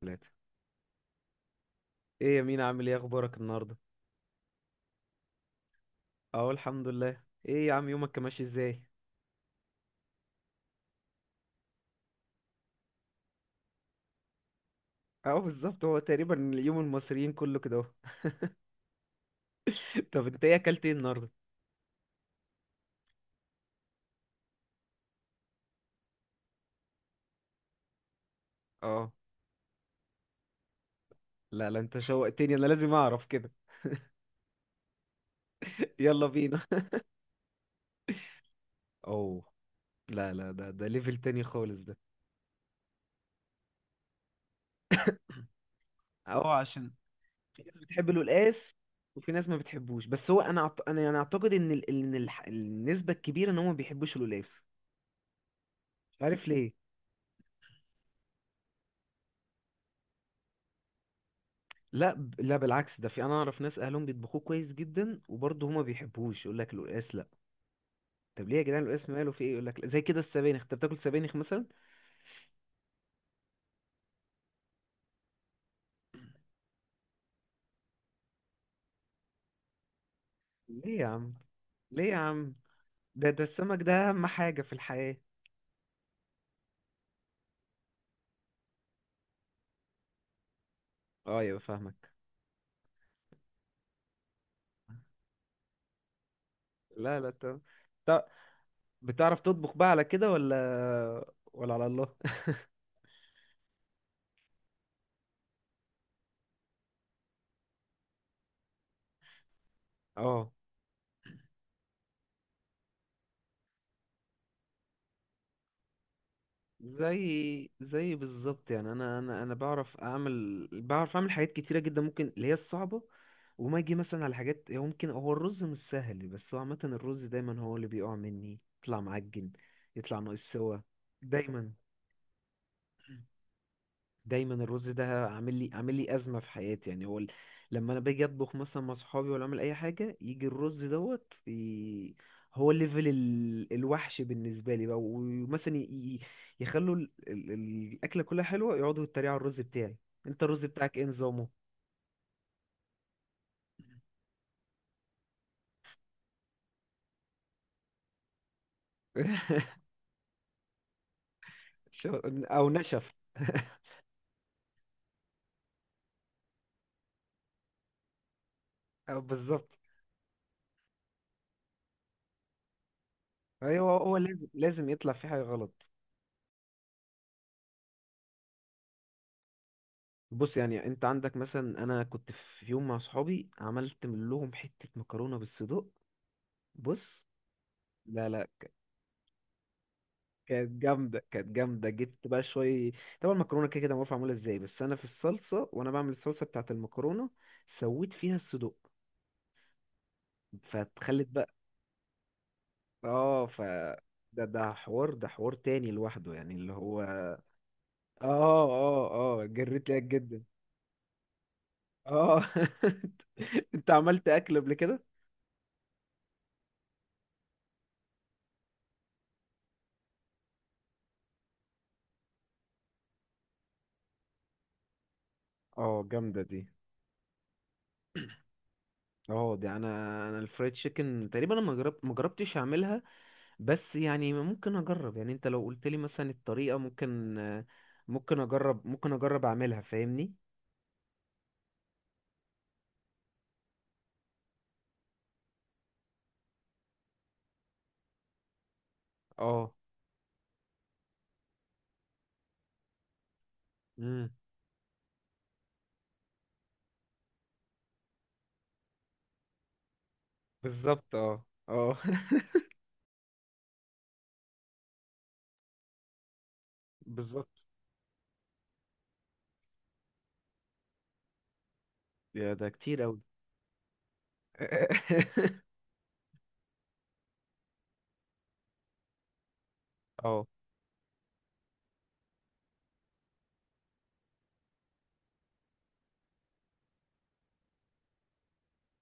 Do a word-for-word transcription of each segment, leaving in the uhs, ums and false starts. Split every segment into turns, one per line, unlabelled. ثلاثة. ايه يا مين، عامل ايه؟ اخبارك النهارده؟ اهو الحمد لله. ايه يا عم، يومك كان ماشي ازاي؟ اهو بالظبط، هو تقريبا يوم المصريين كله كده اهو. طب انت، ايه اكلت ايه النهارده؟ اه، لا لا، انت شوقتني، انا لازم اعرف كده. يلا بينا. اوه. لا لا، ده ده ليفل تاني خالص ده. اهو عشان. في ناس بتحب القلقاس، وفي ناس ما بتحبوش، بس هو انا أعت... انا يعني اعتقد ان ال... ان ال... النسبة الكبيرة ان هم ما بيحبوش القلقاس. مش عارف ليه. لا ب- لا بالعكس، ده في انا اعرف ناس اهلهم بيطبخوه كويس جدا، وبرضه هما بيحبوش يقول لك القلقاس لا. طب ليه يا جدعان؟ القلقاس ماله، في ايه؟ يقول لك زي كده السبانخ، انت بتاكل سبانخ مثلا؟ ليه يا عم؟ ليه يا عم؟ ده ده السمك ده اهم حاجة في الحياة. اه يبقى فاهمك. لا لا طب، بتعرف تطبخ بقى على كده ولا، ولا على الله؟ اه. زي زي بالظبط، يعني انا انا انا بعرف اعمل، بعرف اعمل حاجات كتيره جدا، ممكن اللي هي الصعبه. وما اجي مثلا على حاجات، هو ممكن، هو الرز مش سهل، بس هو عامه الرز دايما هو اللي بيقع مني، يطلع معجن، يطلع ناقص سوا. دايما، دايما الرز ده عامل لي عامل لي ازمه في حياتي، يعني هو ال- لما انا باجي اطبخ مثلا مع صحابي، ولا اعمل اي حاجه، يجي الرز دوت ي... هو ليفل ال... الوحش بالنسبه لي بقى، ومثلا ي... ي- يخلوا ال... ال... ال- الاكله كلها حلوه، يقعدوا يتريقوا على الرز بتاعي. انت الرز بتاعك ايه نظامه؟ شو- او نشف. أو بالظبط. ايوه، هو لازم، لازم يطلع في حاجه غلط. بص، يعني انت عندك مثلا، انا كنت في يوم مع صحابي، عملت من لهم حته مكرونه بالصدق. بص. لا لا. كانت جامدة، كانت جامدة. جبت بقى شوية، طبعا المكرونة كده كده معروف معمولة ازاي، بس أنا في الصلصة، وأنا بعمل الصلصة بتاعة المكرونة سويت فيها الصدوق، فتخلت بقى. اه، ف ده ده حوار، ده حوار تاني لوحده يعني، اللي هو اه. اه. اه جريت ليك جدا. اه. انت عملت اكل قبل كده؟ اه جامدة دي. اه دي انا، انا الفرايد تشيكن تقريبا انا ما جربت ما جربتش اعملها، بس يعني ممكن اجرب، يعني انت لو قلت لي مثلا الطريقة، ممكن آه، ممكن اجرب ممكن اجرب اعملها، فاهمني. اه. امم بالظبط، اه اه. بالظبط. يا ده كتير قوي. اه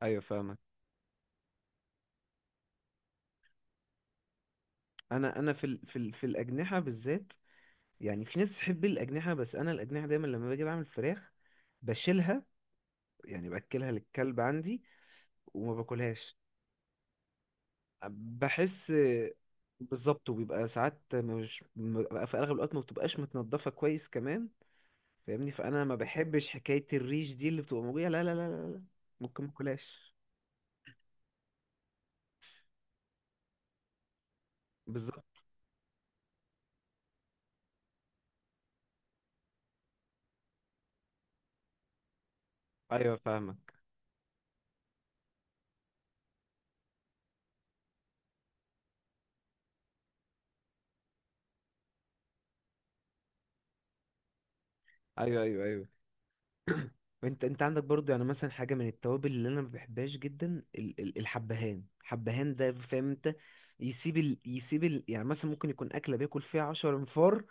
ايوه فاهمك. انا انا في ال... في ال... في الاجنحة بالذات، يعني في ناس بتحب الاجنحة، بس انا الاجنحة دايما لما باجي بعمل فراخ بشيلها، يعني باكلها للكلب عندي، وما باكلهاش. بحس، بالظبط، وبيبقى ساعات مش بيبقى، في اغلب الوقت ما بتبقاش متنضفه كويس كمان، فاهمني. فانا ما بحبش حكايه الريش دي اللي بتبقى موجوده، لا لا لا لا لا، ممكن ما اكلهاش. بالظبط. ايوه فاهمك. ايوه ايوه ايوه. انت انت عندك برضو، يعني مثلا حاجه من التوابل اللي انا ما بحبهاش جدا، ال- ال- الحبهان، الحبهان ده فاهم انت، يسيب ال... يسيب ال... يعني مثلا ممكن يكون اكله بياكل فيها عشر انفار،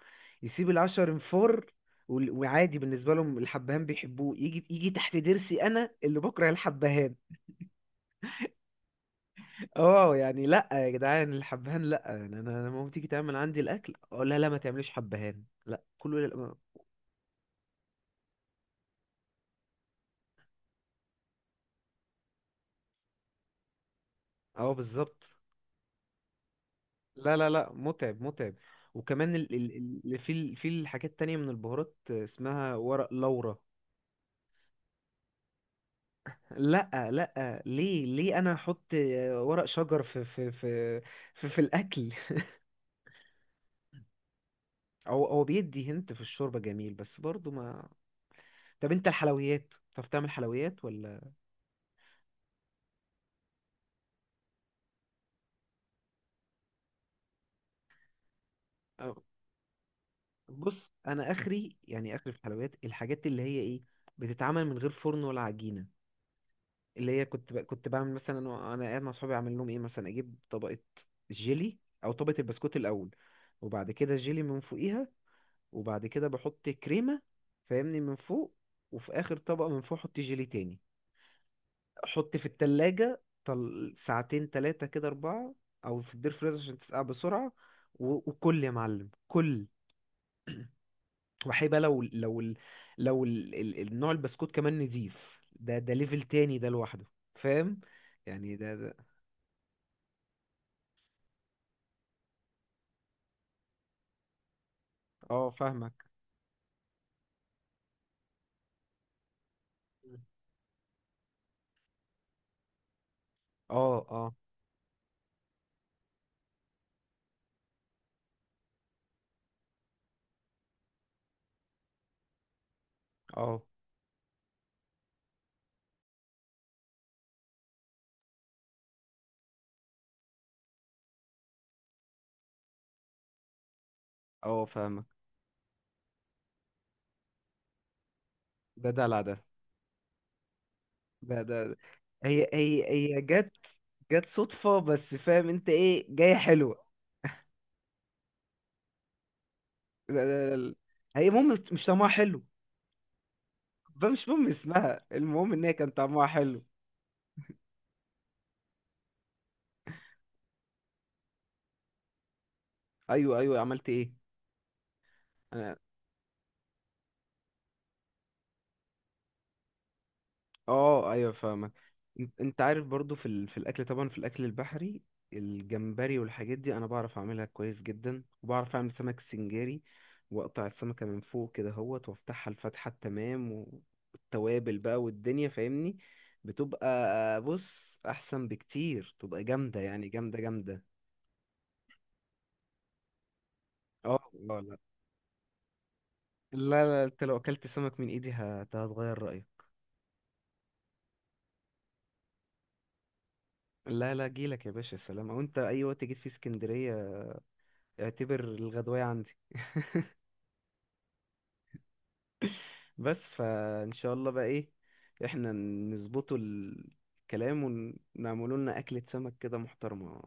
يسيب العشر انفار، وال- وعادي بالنسبه لهم الحبهان بيحبوه، يجي يجي تحت ضرسي، انا اللي بكره الحبهان. اه يعني لا يا جدعان الحبهان لا، يعني انا أنا لما تيجي تعمل عندي الاكل، اه لا لا، ما تعمليش حبهان لا كله لا- اه بالظبط. لا لا لا، متعب متعب. وكمان ال ال ال في ال- في الحاجات التانية من البهارات، اسمها ورق لورا. لا لا ليه، ليه انا احط ورق شجر في في في في, في الاكل؟ او هو بيدي هنت في الشوربة جميل، بس برضو ما. طب انت الحلويات بتعرف تعمل حلويات ولا؟ أو- بص انا اخري، يعني اخري في الحلويات، الحاجات اللي هي ايه بتتعمل من غير فرن ولا عجينة، اللي هي كنت ب... كنت بعمل مثلا، انا أنا قاعد مع صحابي اعمل لهم ايه، مثلا اجيب طبقه جيلي، او طبقه البسكوت الاول، وبعد كده الجيلي من فوقيها، وبعد كده بحط كريمه فاهمني من فوق، وفي اخر طبقه من فوق احط جيلي تاني، احط في التلاجة طل... ساعتين، تلاتة كده، اربعة، او في الدير فريزر عشان تسقع بسرعه، و... وكل يا معلم كل. وحيبقى لو، لو ال- لو ال... ال... النوع البسكوت كمان نضيف، ده ده ليفل تاني ده لوحده، فاهم، يعني ده. اه فاهمك. اه اه اه اه فاهمك. ده دلع ده. ده ده. هي هي. هي جت، جت صدفة بس، فاهم انت ايه جاية حلوة؟ لا- لا- لا. هي المهم مش طعمها حلو، بقى مش مهم اسمها، المهم ان هي كان طعمها حلو. ايوه ايوه، عملت ايه؟ اه ايوه فاهمك. ان- انت عارف برضو في ال... في الاكل، طبعا في الاكل البحري، الجمبري والحاجات دي انا بعرف اعملها كويس جدا، وبعرف اعمل سمك سنجاري، واقطع السمكه من فوق كده اهوت، وافتحها الفتحه التمام، والتوابل بقى والدنيا فاهمني، بتبقى، بص، احسن بكتير، تبقى جامده يعني، جامده جامده. اه لا لا. لا لا، انت لو اكلت سمك من ايدي هت- هتغير رايك. لا لا جيلك يا باشا، سلام، او انت اي وقت جيت في اسكندريه اعتبر الغدوايه عندي. بس فان شاء الله بقى، ايه، احنا نظبطوا الكلام، ونعملوا لنا اكلة سمك كده محترمة،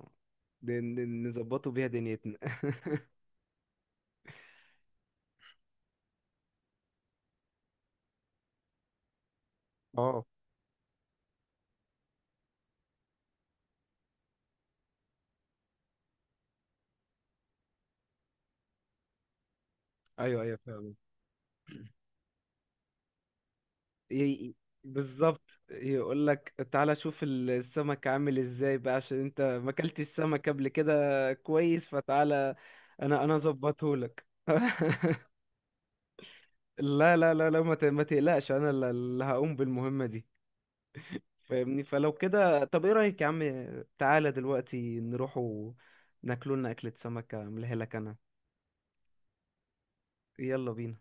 ن- ن- نظبطوا بيها دنيتنا. اه ايوه ايوه فعلا. ي- ي- بالظبط، يقول لك تعالى شوف السمك عامل ازاي بقى، عشان انت ما اكلتش السمك قبل كده كويس، فتعالى انا انا اظبطه لك. لا لا لا لا، ما ت- ما تقلقش، انا اللي اللي هقوم بالمهمة دي، فاهمني. فلو كده طب، ايه رأيك يا عم، تعالى دلوقتي نروح ناكلوا لنا أكلة سمكة، أعملها لك أنا. يلا بينا.